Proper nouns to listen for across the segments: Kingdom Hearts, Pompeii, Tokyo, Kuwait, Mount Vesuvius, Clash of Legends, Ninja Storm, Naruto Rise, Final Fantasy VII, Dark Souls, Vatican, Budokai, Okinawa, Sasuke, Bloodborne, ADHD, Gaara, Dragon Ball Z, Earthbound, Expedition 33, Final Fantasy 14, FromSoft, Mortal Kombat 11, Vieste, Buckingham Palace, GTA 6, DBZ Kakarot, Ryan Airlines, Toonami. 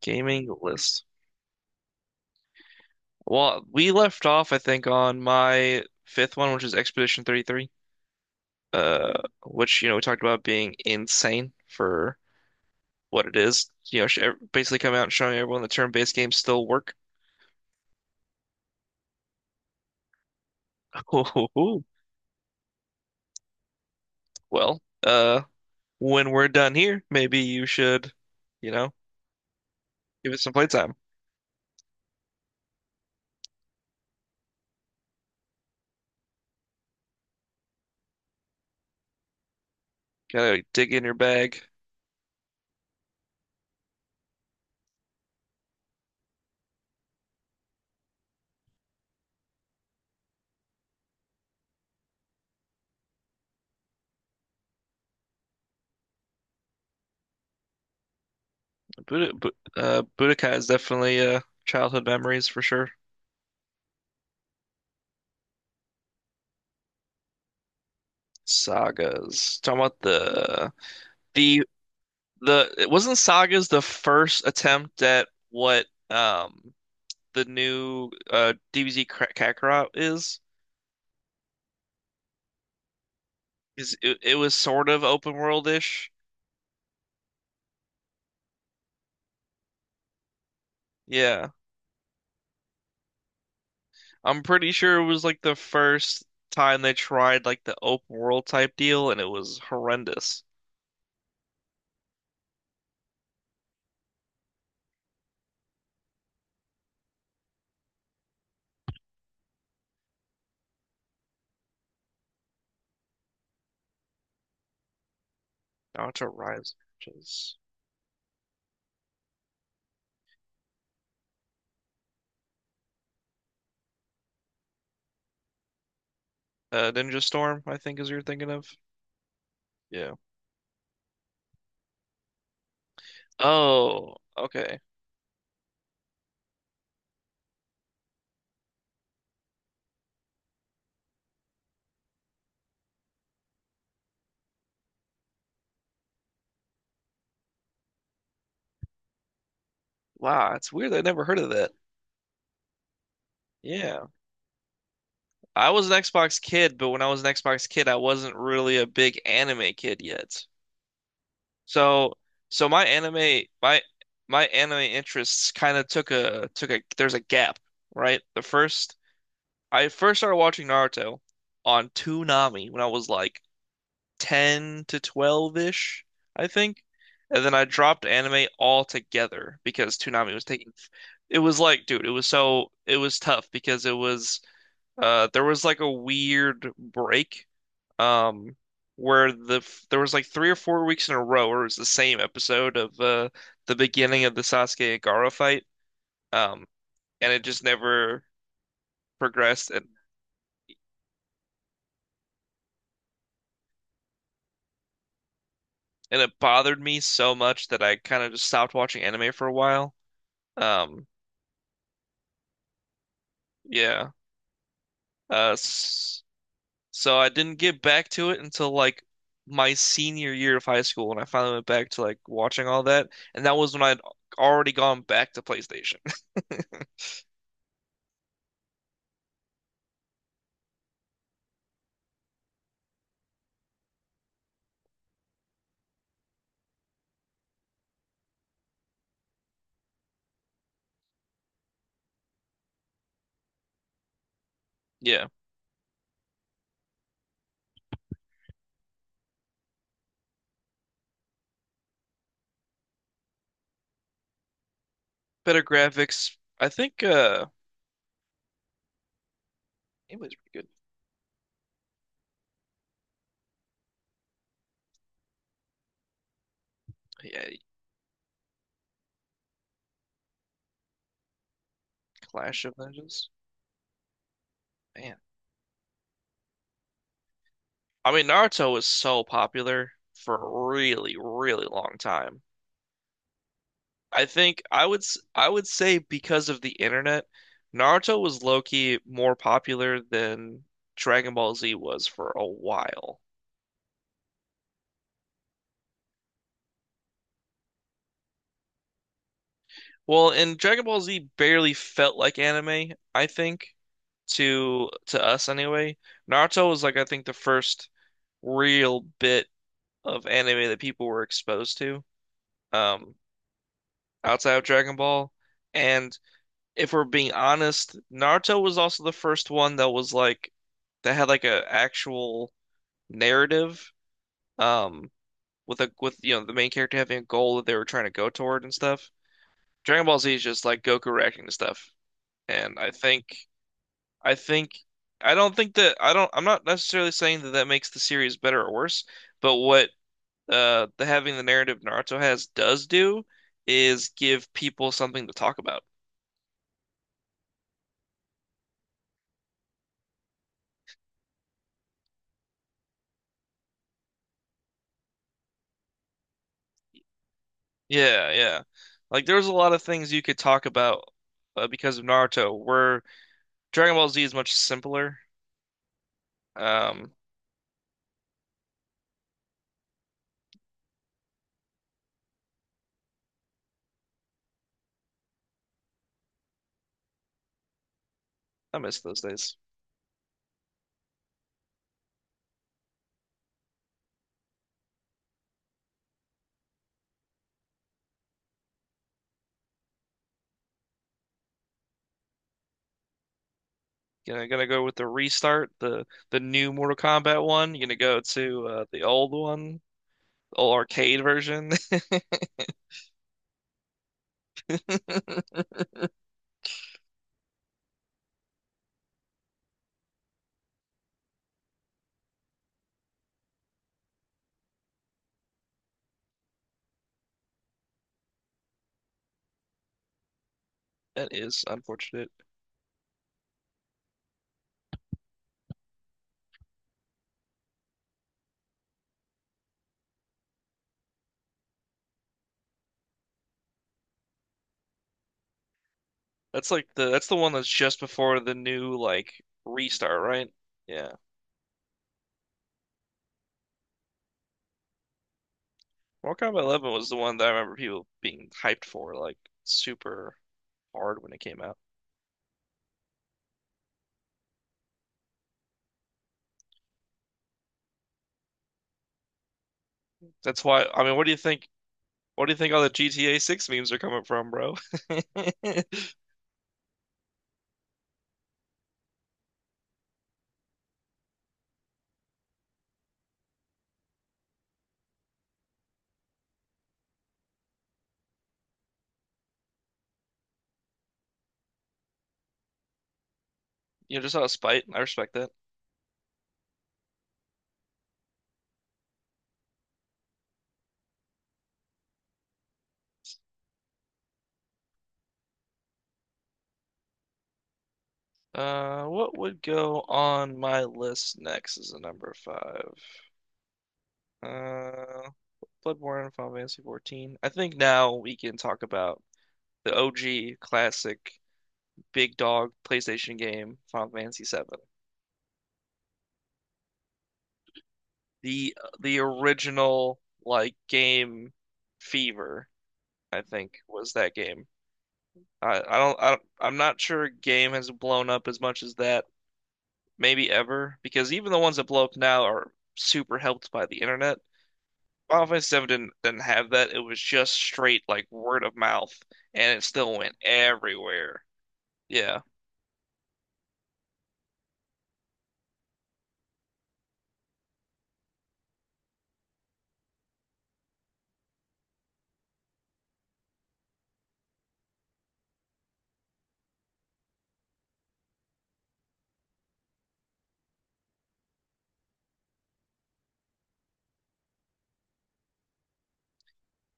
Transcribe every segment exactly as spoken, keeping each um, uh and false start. Gaming list. Well, we left off, I think, on my fifth one, which is Expedition thirty-three, uh, which, you know, we talked about being insane for what it is. You know, sh- er, basically coming out and showing everyone the turn-based games still work. Well, uh, when we're done here, maybe you should, you know, give it some playtime. Gotta dig in your bag. Bud Bu- uh, Budokai is definitely uh, childhood memories for sure. Sagas. Talking about the the the it wasn't Saga's the first attempt at what um the new uh D B Z Kra- Kakarot is? Is it, it was sort of open world-ish. Yeah. I'm pretty sure it was like the first time they tried like the open world type deal and it was horrendous. Naruto Rise which is uh Ninja Storm, I think is what you're thinking of. Yeah. Oh, okay. Wow, it's weird. I never heard of that. Yeah. I was an Xbox kid, but when I was an Xbox kid, I wasn't really a big anime kid yet. So, so my anime, my my anime interests kind of took a took a there's a gap, right? The first I first started watching Naruto on Toonami when I was like ten to twelve-ish, I think. And then I dropped anime altogether because Toonami was taking it was like, dude, it was so it was tough because it was uh there was like a weird break, um, where the there was like three or four weeks in a row where it was the same episode of uh, the beginning of the Sasuke and Gaara fight, um, and it just never progressed, and and it bothered me so much that I kind of just stopped watching anime for a while. Um, yeah, uh, s- so I didn't get back to it until like my senior year of high school, when I finally went back to like watching all that, and that was when I'd already gone back to PlayStation. Yeah. Better graphics. I think uh it was pretty good. Yeah, Clash of Legends. Man. I mean, Naruto was so popular for a really, really long time. I think I would s- I would say because of the internet, Naruto was low-key more popular than Dragon Ball Z was for a while. Well, and Dragon Ball Z barely felt like anime, I think, to to us anyway. Naruto was like I think the first real bit of anime that people were exposed to, um, outside of Dragon Ball. And if we're being honest, Naruto was also the first one that was like that had like a actual narrative, um, with a with you know the main character having a goal that they were trying to go toward and stuff. Dragon Ball Z is just like Goku reacting to stuff, and I think I think I don't think that I don't I'm not necessarily saying that that makes the series better or worse, but what uh the having the narrative Naruto has does do is give people something to talk about. Yeah, yeah. Like there's a lot of things you could talk about uh, because of Naruto, where Dragon Ball Z is much simpler. Um, I miss those days. Gonna gonna go with the restart, the the new Mortal Kombat one. You're gonna go to uh, the old one, old arcade version. That is unfortunate. That's like the that's the one that's just before the new like restart, right? Yeah. Mortal Kombat eleven was the one that I remember people being hyped for, like super hard when it came out. That's why, I mean, what do you think? What do you think all the G T A six memes are coming from, bro? You know, just out of spite. I respect that. Uh, what would go on my list next is a number five. Uh, Bloodborne, Final Fantasy fourteen. I think now we can talk about the O G classic big dog PlayStation game, Final Fantasy seven. the the original like game Fever, I think was that game. I, I don't I, don't- I'm not sure a game has blown up as much as that maybe ever, because even the ones that blow up now are super helped by the internet. Final Fantasy V I I didn't didn't have that. It was just straight like word of mouth, and it still went everywhere. Yeah.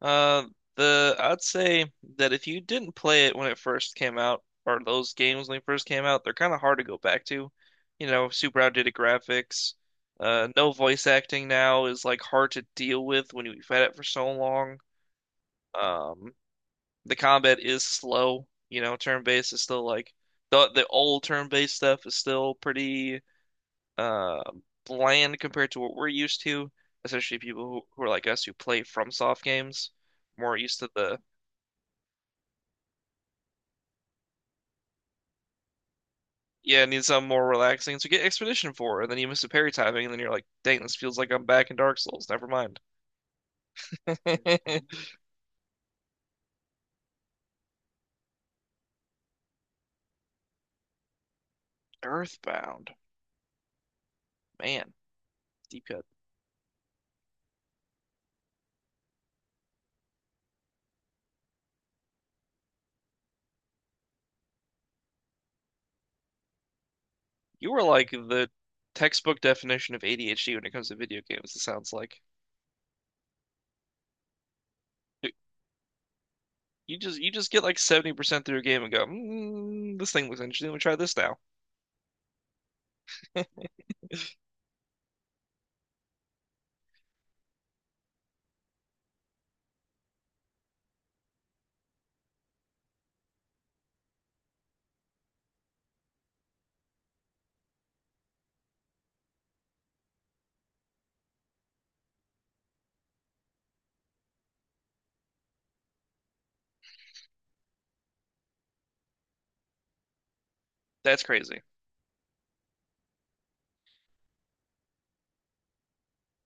Uh, the I'd say that if you didn't play it when it first came out, or those games when they first came out, they're kind of hard to go back to. You know, super outdated graphics. Uh, no voice acting now is like hard to deal with when you've had it for so long. Um, the combat is slow. You know, turn-based is still like the the old turn-based stuff is still pretty uh bland compared to what we're used to, especially people who, who are like us who play FromSoft games, more used to the Yeah, it needs something more relaxing. So get Expedition four, and then you miss a parry timing, and then you're like, dang, this feels like I'm back in Dark Souls. Never mind. Earthbound. Man, deep cut. You were like the textbook definition of A D H D when it comes to video games, it sounds like. You just you just get like seventy percent through a game and go, mm, this thing looks interesting. Let me try this now. That's crazy.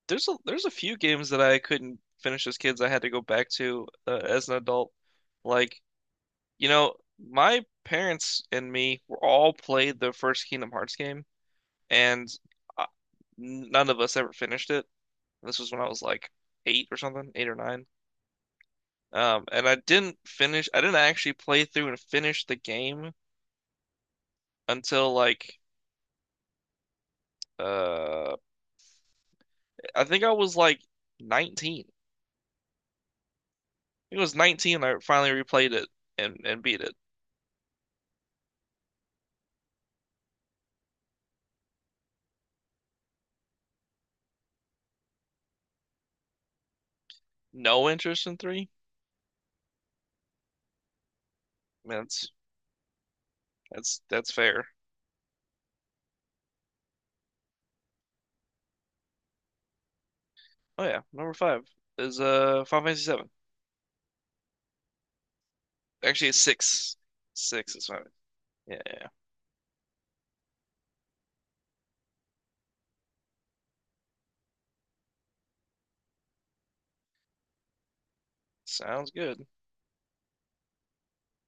There's a there's a few games that I couldn't finish as kids. I had to go back to uh, as an adult. Like, you know, my parents and me were all played the first Kingdom Hearts game, and uh, none of us ever finished it. This was when I was like eight or something, eight or nine. Um, and I didn't finish. I didn't actually play through and finish the game until like, uh, I think I was like nineteen. I think It was nineteen. I finally replayed it and and beat it. No interest in three. Man, That's that's that's fair. Oh yeah, number five is uh Final Fantasy seven. Actually, it's six. Six is fine. Yeah, yeah, yeah. Sounds good.